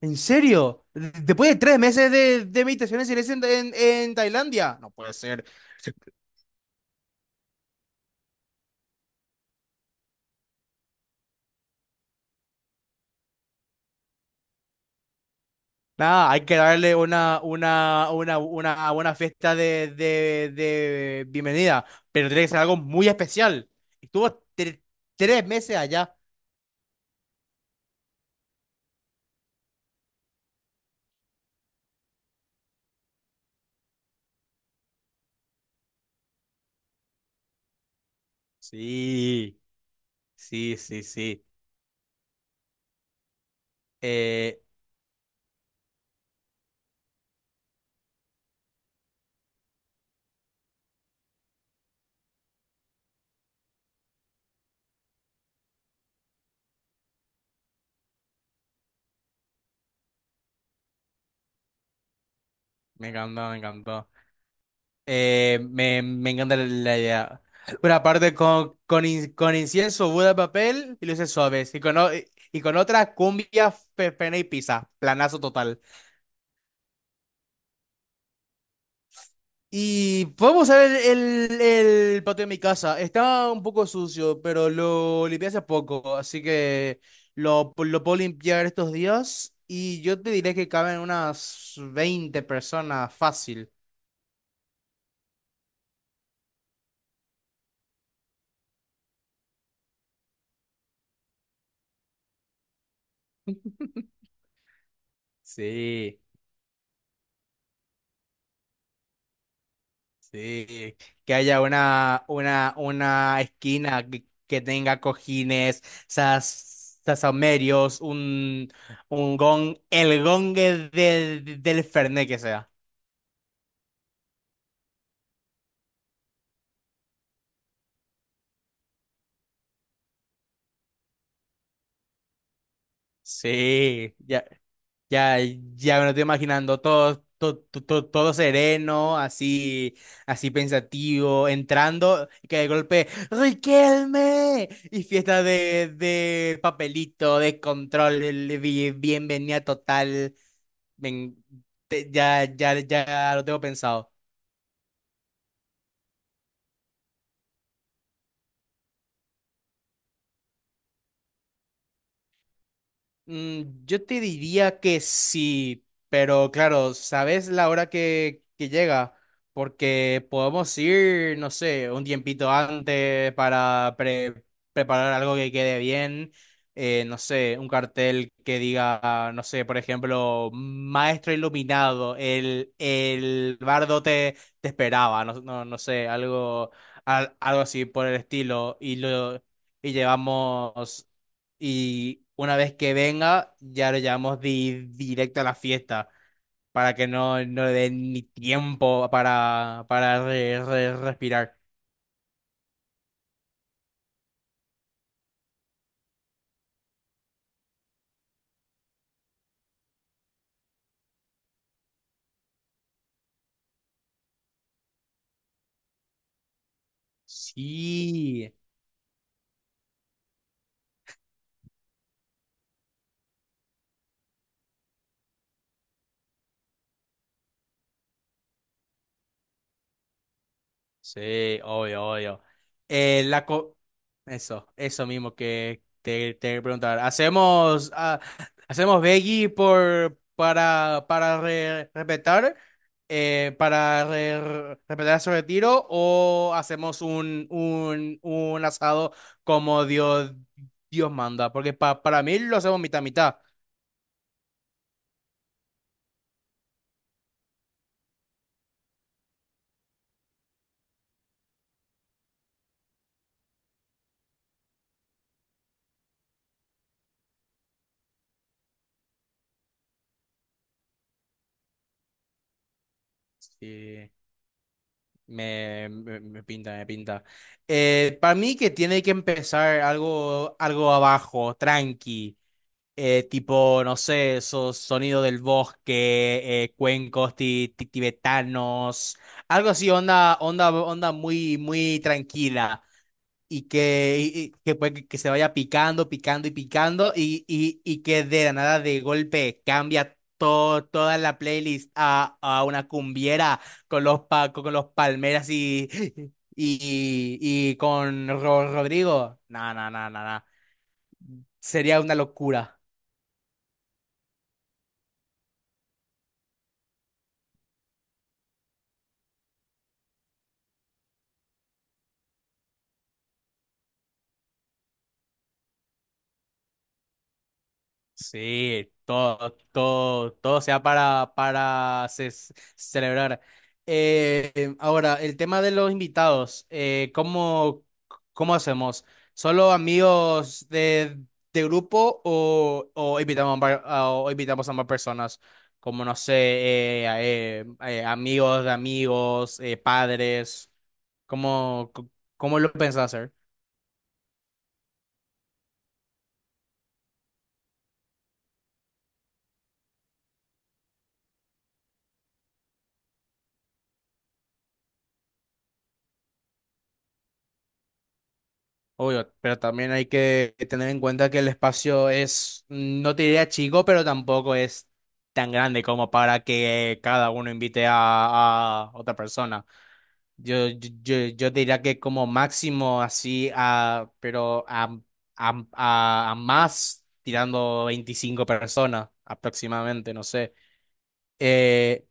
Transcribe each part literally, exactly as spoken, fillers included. ¿En serio? D- Después de tres meses de, de meditaciones en, en, en Tailandia. No puede ser. Sí. Nada, hay que darle una, una, una, una buena fiesta de, de, de bienvenida, pero tiene que ser algo muy especial. Estuvo tre- tres meses allá. Sí, sí, sí, sí. Eh, me encantó, me encantó. Eh, me, me encanta la la idea. Una parte con, con, in- con incienso, Buda de papel y luces suaves. Y con, o- y con otra, cumbia, pe- pena y pizza. Planazo total. Y podemos ver el, el, el patio de mi casa. Está un poco sucio, pero lo limpié hace poco. Así que lo, lo puedo limpiar estos días. Y yo te diré que caben unas veinte personas fácil. Sí. Sí, que haya una, una, una esquina que, que tenga cojines, sas, sasomerios, un, un gong, el gong de- de- del Fernet que sea. Sí, ya. Ya, ya me lo estoy imaginando todo, todo, todo, todo sereno, así, así pensativo, entrando, y que de golpe, ¡Riquelme! Y fiesta de, de papelito, de control, el bi- bienvenida total. Ven, te- ya, ya, ya lo tengo pensado. Mm, yo te diría que sí, pero claro, ¿sabes la hora que, que llega? Porque podemos ir, no sé, un tiempito antes para pre- preparar algo que quede bien. eh, no sé, un cartel que diga, no sé, por ejemplo, Maestro Iluminado, el, el bardo te, te esperaba, no, no, no sé, algo, al- algo así por el estilo. Y lo y llevamos. Y una vez que venga, ya lo llevamos di- directo a la fiesta para que no, no le den ni tiempo para, para re- re- respirar. Sí. Sí, obvio, obvio. Eh, la co- eso, eso mismo que te, te preguntar. ¿Hacemos, ah, hacemos veggie por, para, para re- respetar, eh, para re- respetar su retiro o hacemos un, un, un asado como Dios, Dios manda. Porque pa- para mí lo hacemos mitad mitad. Sí. Me, me- me pinta, me pinta. Eh, para mí que tiene que empezar algo, algo abajo, tranqui, eh, tipo, no sé, esos sonidos del bosque, eh, cuencos ti- ti- tibetanos, algo así, onda, onda, onda muy, muy tranquila y que, y- y que, pues, que se vaya picando, picando y picando y, y, y que de la nada de golpe cambia to toda la playlist a, a una cumbiera con los, pa- con los palmeras y, y, y, y con Ro- Rodrigo. No, no, no, no, no. Sería una locura. Sí, todo, todo, todo sea para, para ce- celebrar. Eh, ahora, el tema de los invitados, eh, ¿cómo, cómo hacemos? ¿Solo amigos de, de grupo o, o invitamos a, var- a- o invitamos a más personas? Como, no sé, eh, a- eh, eh, amigos de amigos, eh, padres. ¿Cómo, Cómo lo pensás hacer? Obvio, pero también hay que tener en cuenta que el espacio es, no te diría chico, pero tampoco es tan grande como para que cada uno invite a, a otra persona. Yo, yo, yo yo diría que como máximo así, a, pero a, a, a, a más tirando veinticinco personas aproximadamente, no sé. Eh,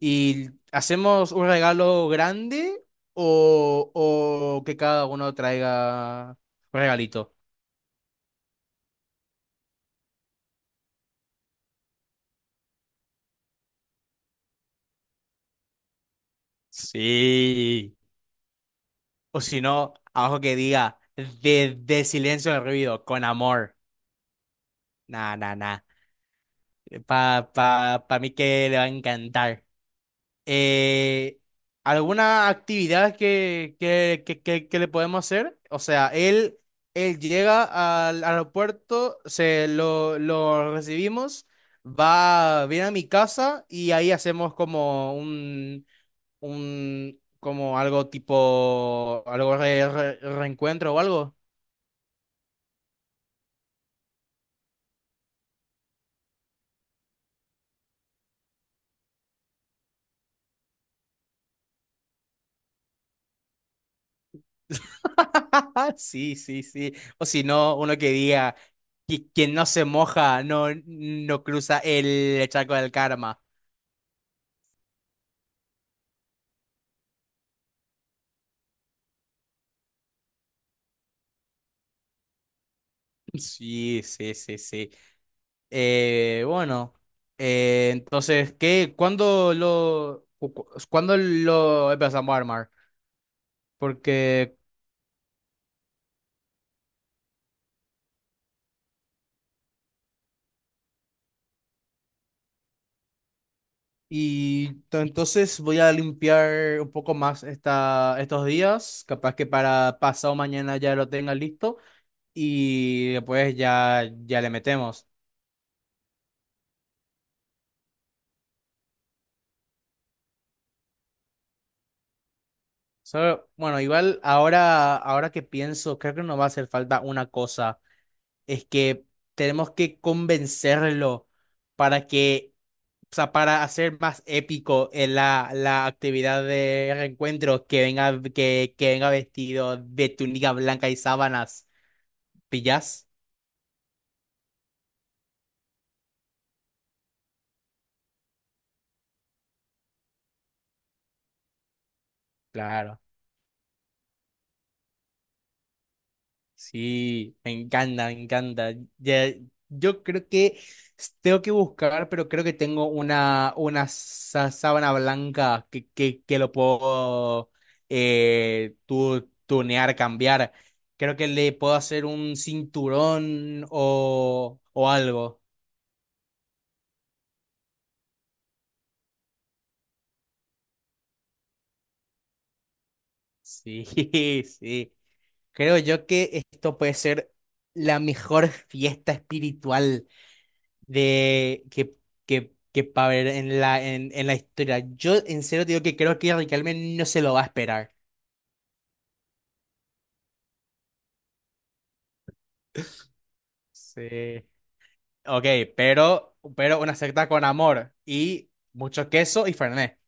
¿y hacemos un regalo grande o, o que cada uno traiga un regalito? Sí. O si no, abajo que diga, de, de silencio al ruido, con amor. Nah, nah, nah. Pa, pa, pa mí que le va a encantar. Eh, ¿alguna actividad que, que, que, que, que le podemos hacer? O sea, él, él llega al aeropuerto, se lo, lo recibimos, va, viene a mi casa y ahí hacemos como un, un como algo tipo, algo re- re- reencuentro o algo. Sí, sí, sí. O si no, uno que diga, "Qui- quien no se moja no, no cruza el charco del karma". Sí, sí, sí, sí. Eh, bueno, eh, entonces, ¿qué? ¿Cuándo lo, cu- cu- cuándo lo empezamos a armar? Porque, y to- entonces voy a limpiar un poco más esta, estos días, capaz que para pasado mañana ya lo tenga listo y después ya, ya le metemos. Solo- bueno, igual ahora, ahora que pienso, creo que nos va a hacer falta una cosa. Es que tenemos que convencerlo para que, o sea, para hacer más épico eh, la, la actividad de reencuentro, que venga, que, que venga vestido de túnica blanca y sábanas, ¿pillas? Claro. Sí, me encanta, me encanta. Ya, yo creo que s- tengo que buscar, pero creo que tengo una, una sa- sábana blanca que, que, que lo puedo eh, tu- tunear, cambiar. Creo que le puedo hacer un cinturón o, o algo. Sí, sí. Creo yo que esto puede ser la mejor fiesta espiritual de que, que, que para ver en la, en, en la historia. Yo en serio digo que creo que Riquelme no se lo va a esperar. Sí. Ok, pero, pero una secta con amor y mucho queso y fernet.